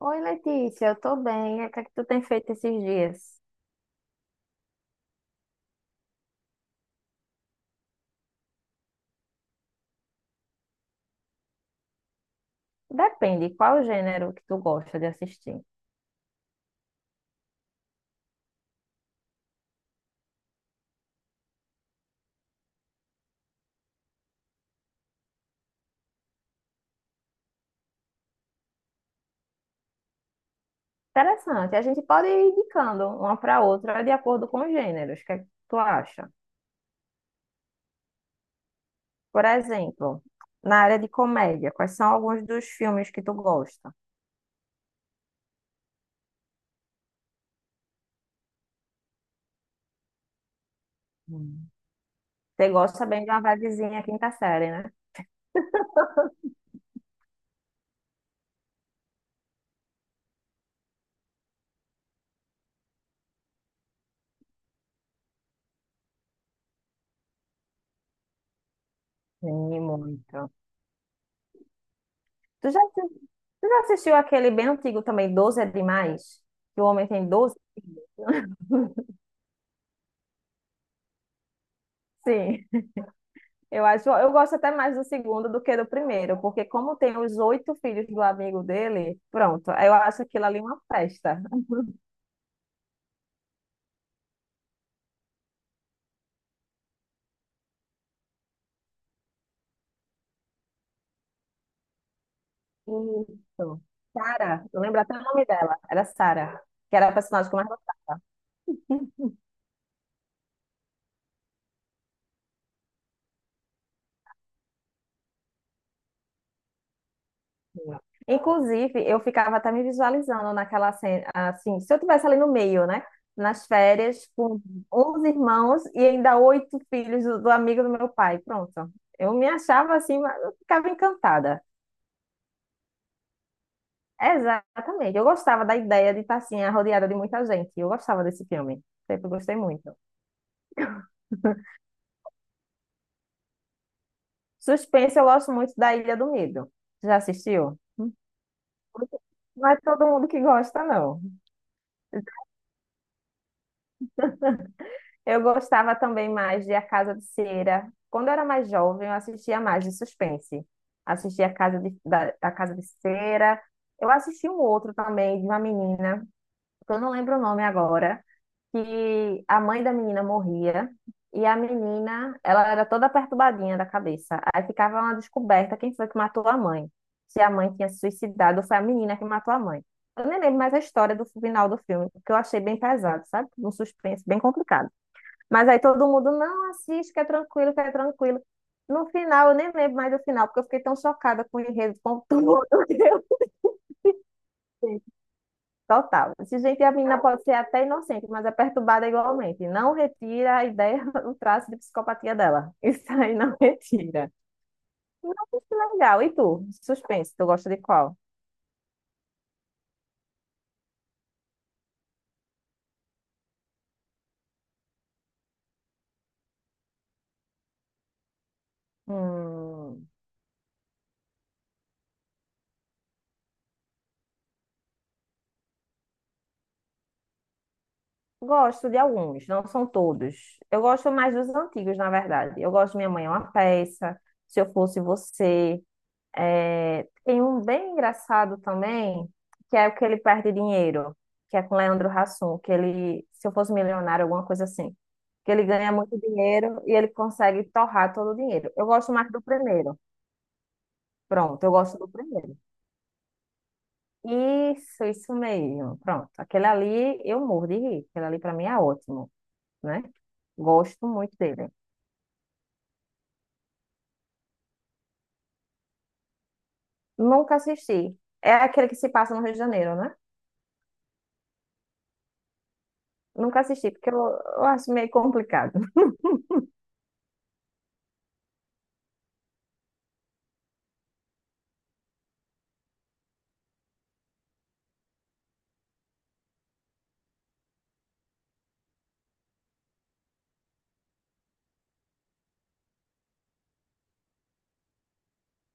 Oi, Letícia, eu tô bem. E o que é que tu tem feito esses dias? Depende, qual o gênero que tu gosta de assistir? Interessante, a gente pode ir indicando uma para outra de acordo com os gêneros. O que é que tu acha? Por exemplo, na área de comédia, quais são alguns dos filmes que tu gosta? Hum, Você gosta bem de uma vibezinha quinta série, né? Sim, muito. Tu já, assi- Tu já assistiu aquele bem antigo também, 12 é demais? Que o homem tem 12? Sim. Eu acho, eu gosto até mais do segundo do que do primeiro, porque como tem os oito filhos do amigo dele, pronto, eu acho aquilo ali uma festa. Isso. Sara, eu lembro até o nome dela, era Sara, que era a personagem que eu mais gostava. Inclusive, eu ficava até me visualizando naquela cena, assim, se eu tivesse ali no meio, né? Nas férias, com 11 irmãos e ainda oito filhos do amigo do meu pai. Pronto. Eu me achava assim, mas eu ficava encantada. Exatamente. Eu gostava da ideia de estar assim, rodeada de muita gente. Eu gostava desse filme. Sempre gostei muito. Suspense, eu gosto muito da Ilha do Medo. Já assistiu? Muito- não é todo mundo que gosta, não. Eu gostava também mais de A Casa de Cera. Quando eu era mais jovem, eu assistia mais de suspense. Assistia A Casa de, da, A Casa de Cera. Eu assisti um outro também, de uma menina, que eu não lembro o nome agora, que a mãe da menina morria e a menina, ela era toda perturbadinha da cabeça. Aí ficava uma descoberta quem foi que matou a mãe. Se a mãe tinha se suicidado ou foi a menina que matou a mãe. Eu nem lembro mais a história do final do filme, porque eu achei bem pesado, sabe? Um suspense bem complicado. Mas aí todo mundo, não, assiste, que é tranquilo, que é tranquilo. No final, eu nem lembro mais do final, porque eu fiquei tão chocada com o enredo, com tudo que eu vi. Total. Esse gente, a menina pode ser até inocente, mas é perturbada igualmente. Não retira a ideia, o traço de psicopatia dela. Isso aí não retira. Nossa, que legal. E tu? Suspense, tu gosta de qual? Hum, Gosto de alguns, não são todos. Eu gosto mais dos antigos, na verdade. Eu gosto de Minha Mãe é uma Peça, Se Eu Fosse Você. É, tem um bem engraçado também, que é o que ele perde dinheiro, que é com Leandro Hassum, que ele, se eu fosse milionário, alguma coisa assim, que ele ganha muito dinheiro e ele consegue torrar todo o dinheiro. Eu gosto mais do primeiro. Pronto, eu gosto do primeiro. Isso mesmo. Pronto, aquele ali eu morro de rir. Aquele ali para mim é ótimo, né? Gosto muito dele. Nunca assisti. É aquele que se passa no Rio de Janeiro, né? Nunca assisti, porque eu acho meio complicado.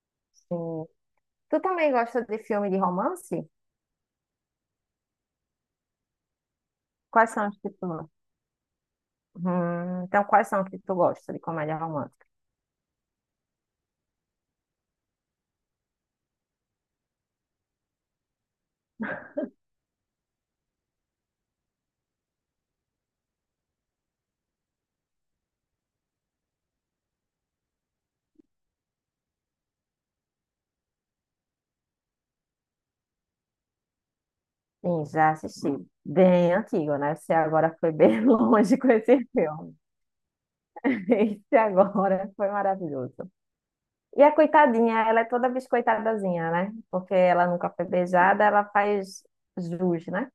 Sim, tu também gosta de filme de romance? Quais são os que tu então, quais são os que tu gosta de comédia romântica? Sim, já assisti. Bem antigo, né? Você agora foi bem longe com esse filme. Esse agora foi maravilhoso. E a coitadinha, ela é toda biscoitadazinha, né? Porque ela nunca foi beijada, ela faz jus, né?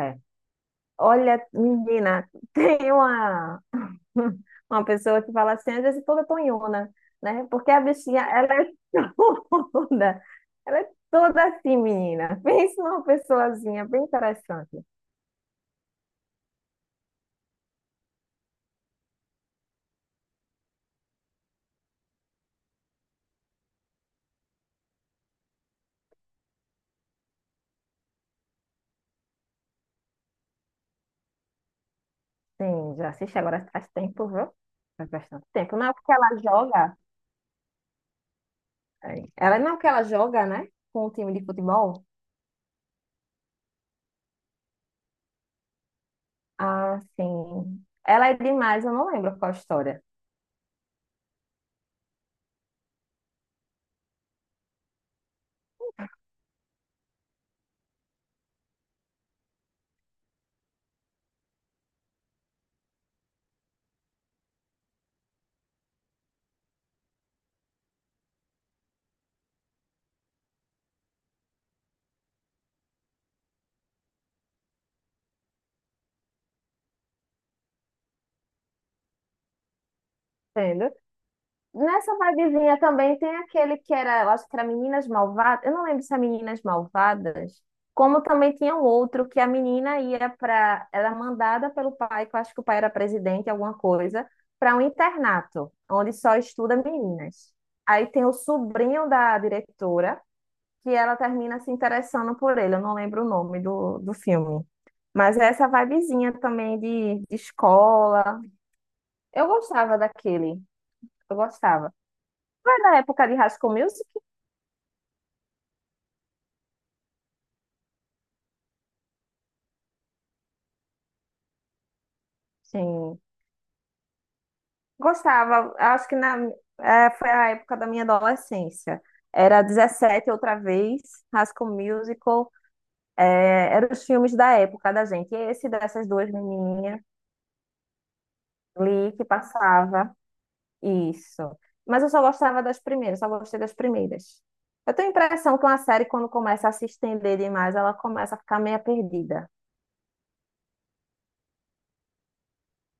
É. Olha, menina, tem uma, uma pessoa que fala assim, às vezes toda tonhona, né? Porque a bichinha, ela é toda, ela é toda assim, menina. Pensa numa pessoazinha bem interessante. Sim, já assisti agora faz tempo, viu? Faz bastante tempo. Não é porque ela joga, é, ela não é porque ela joga, né? Com o time de futebol. Ah, sim. Ela é demais, eu não lembro qual a história. Entendeu? Nessa vibezinha também tem aquele que era, eu acho que era Meninas Malvadas, eu não lembro se é Meninas Malvadas, como também tinha um outro que a menina ia para, era mandada pelo pai, que eu acho que o pai era presidente, alguma coisa, para um internato, onde só estuda meninas. Aí tem o sobrinho da diretora, que ela termina se interessando por ele, eu não lembro o nome do filme. Mas é essa vibezinha também de escola. Eu gostava daquele, eu gostava. Foi na época de Rascal Music? Sim. Gostava, acho que na, é, foi a época da minha adolescência. Era 17 outra vez, Rascal Musical, é, eram os filmes da época da gente. Esse dessas duas menininhas, Lee, que passava, isso. Mas eu só gostava das primeiras, só gostei das primeiras. Eu tenho a impressão que uma série, quando começa a se estender demais, ela começa a ficar meio perdida.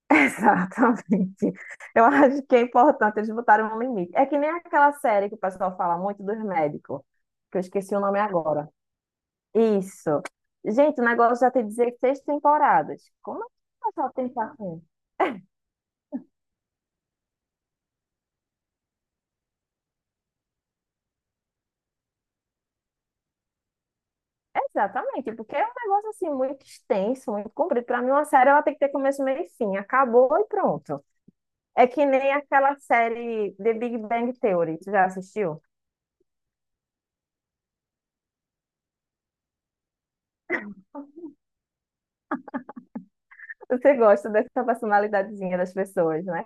Exatamente. Eu acho que é importante eles botarem um limite. É que nem aquela série que o pessoal fala muito dos médicos, que eu esqueci o nome agora. Isso. Gente, o negócio já tem 16 temporadas. Como é que o pessoal tem paciência? Exatamente, porque é um negócio assim muito extenso, muito comprido. Para mim, uma série ela tem que ter começo, meio e fim. Acabou e pronto. É que nem aquela série The Big Bang Theory. Tu já assistiu? Você gosta dessa personalidadezinha das pessoas, né?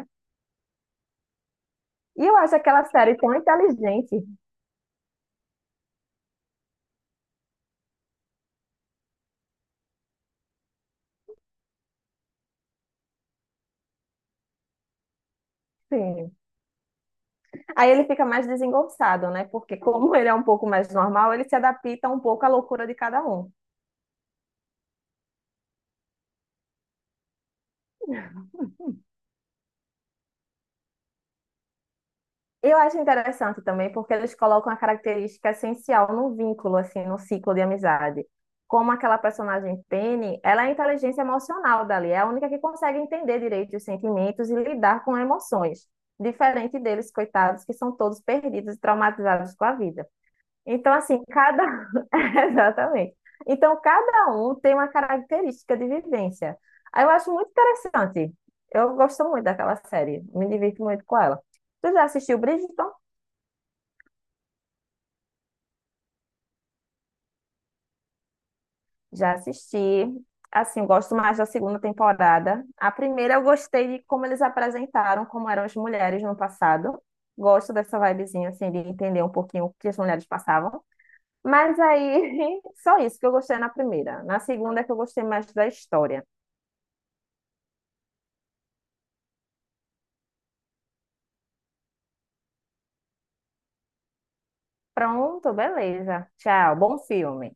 E eu acho aquela série tão inteligente. Sim. Aí ele fica mais desengonçado, né? Porque como ele é um pouco mais normal, ele se adapta um pouco à loucura de cada um. Eu acho interessante também porque eles colocam a característica essencial no vínculo, assim, no ciclo de amizade. Como aquela personagem Penny, ela é a inteligência emocional dali, é a única que consegue entender direito os sentimentos e lidar com emoções, diferente deles, coitados, que são todos perdidos e traumatizados com a vida. Então, assim, cada. Exatamente. Então, cada um tem uma característica de vivência. Aí eu acho muito interessante. Eu gosto muito daquela série, me divirto muito com ela. Tu já assistiu Bridgerton? Já assisti. Assim, eu gosto mais da segunda temporada. A primeira eu gostei de como eles apresentaram como eram as mulheres no passado. Gosto dessa vibezinha, assim, de entender um pouquinho o que as mulheres passavam. Mas aí, só isso que eu gostei na primeira. Na segunda é que eu gostei mais da história. Pronto, beleza. Tchau, bom filme.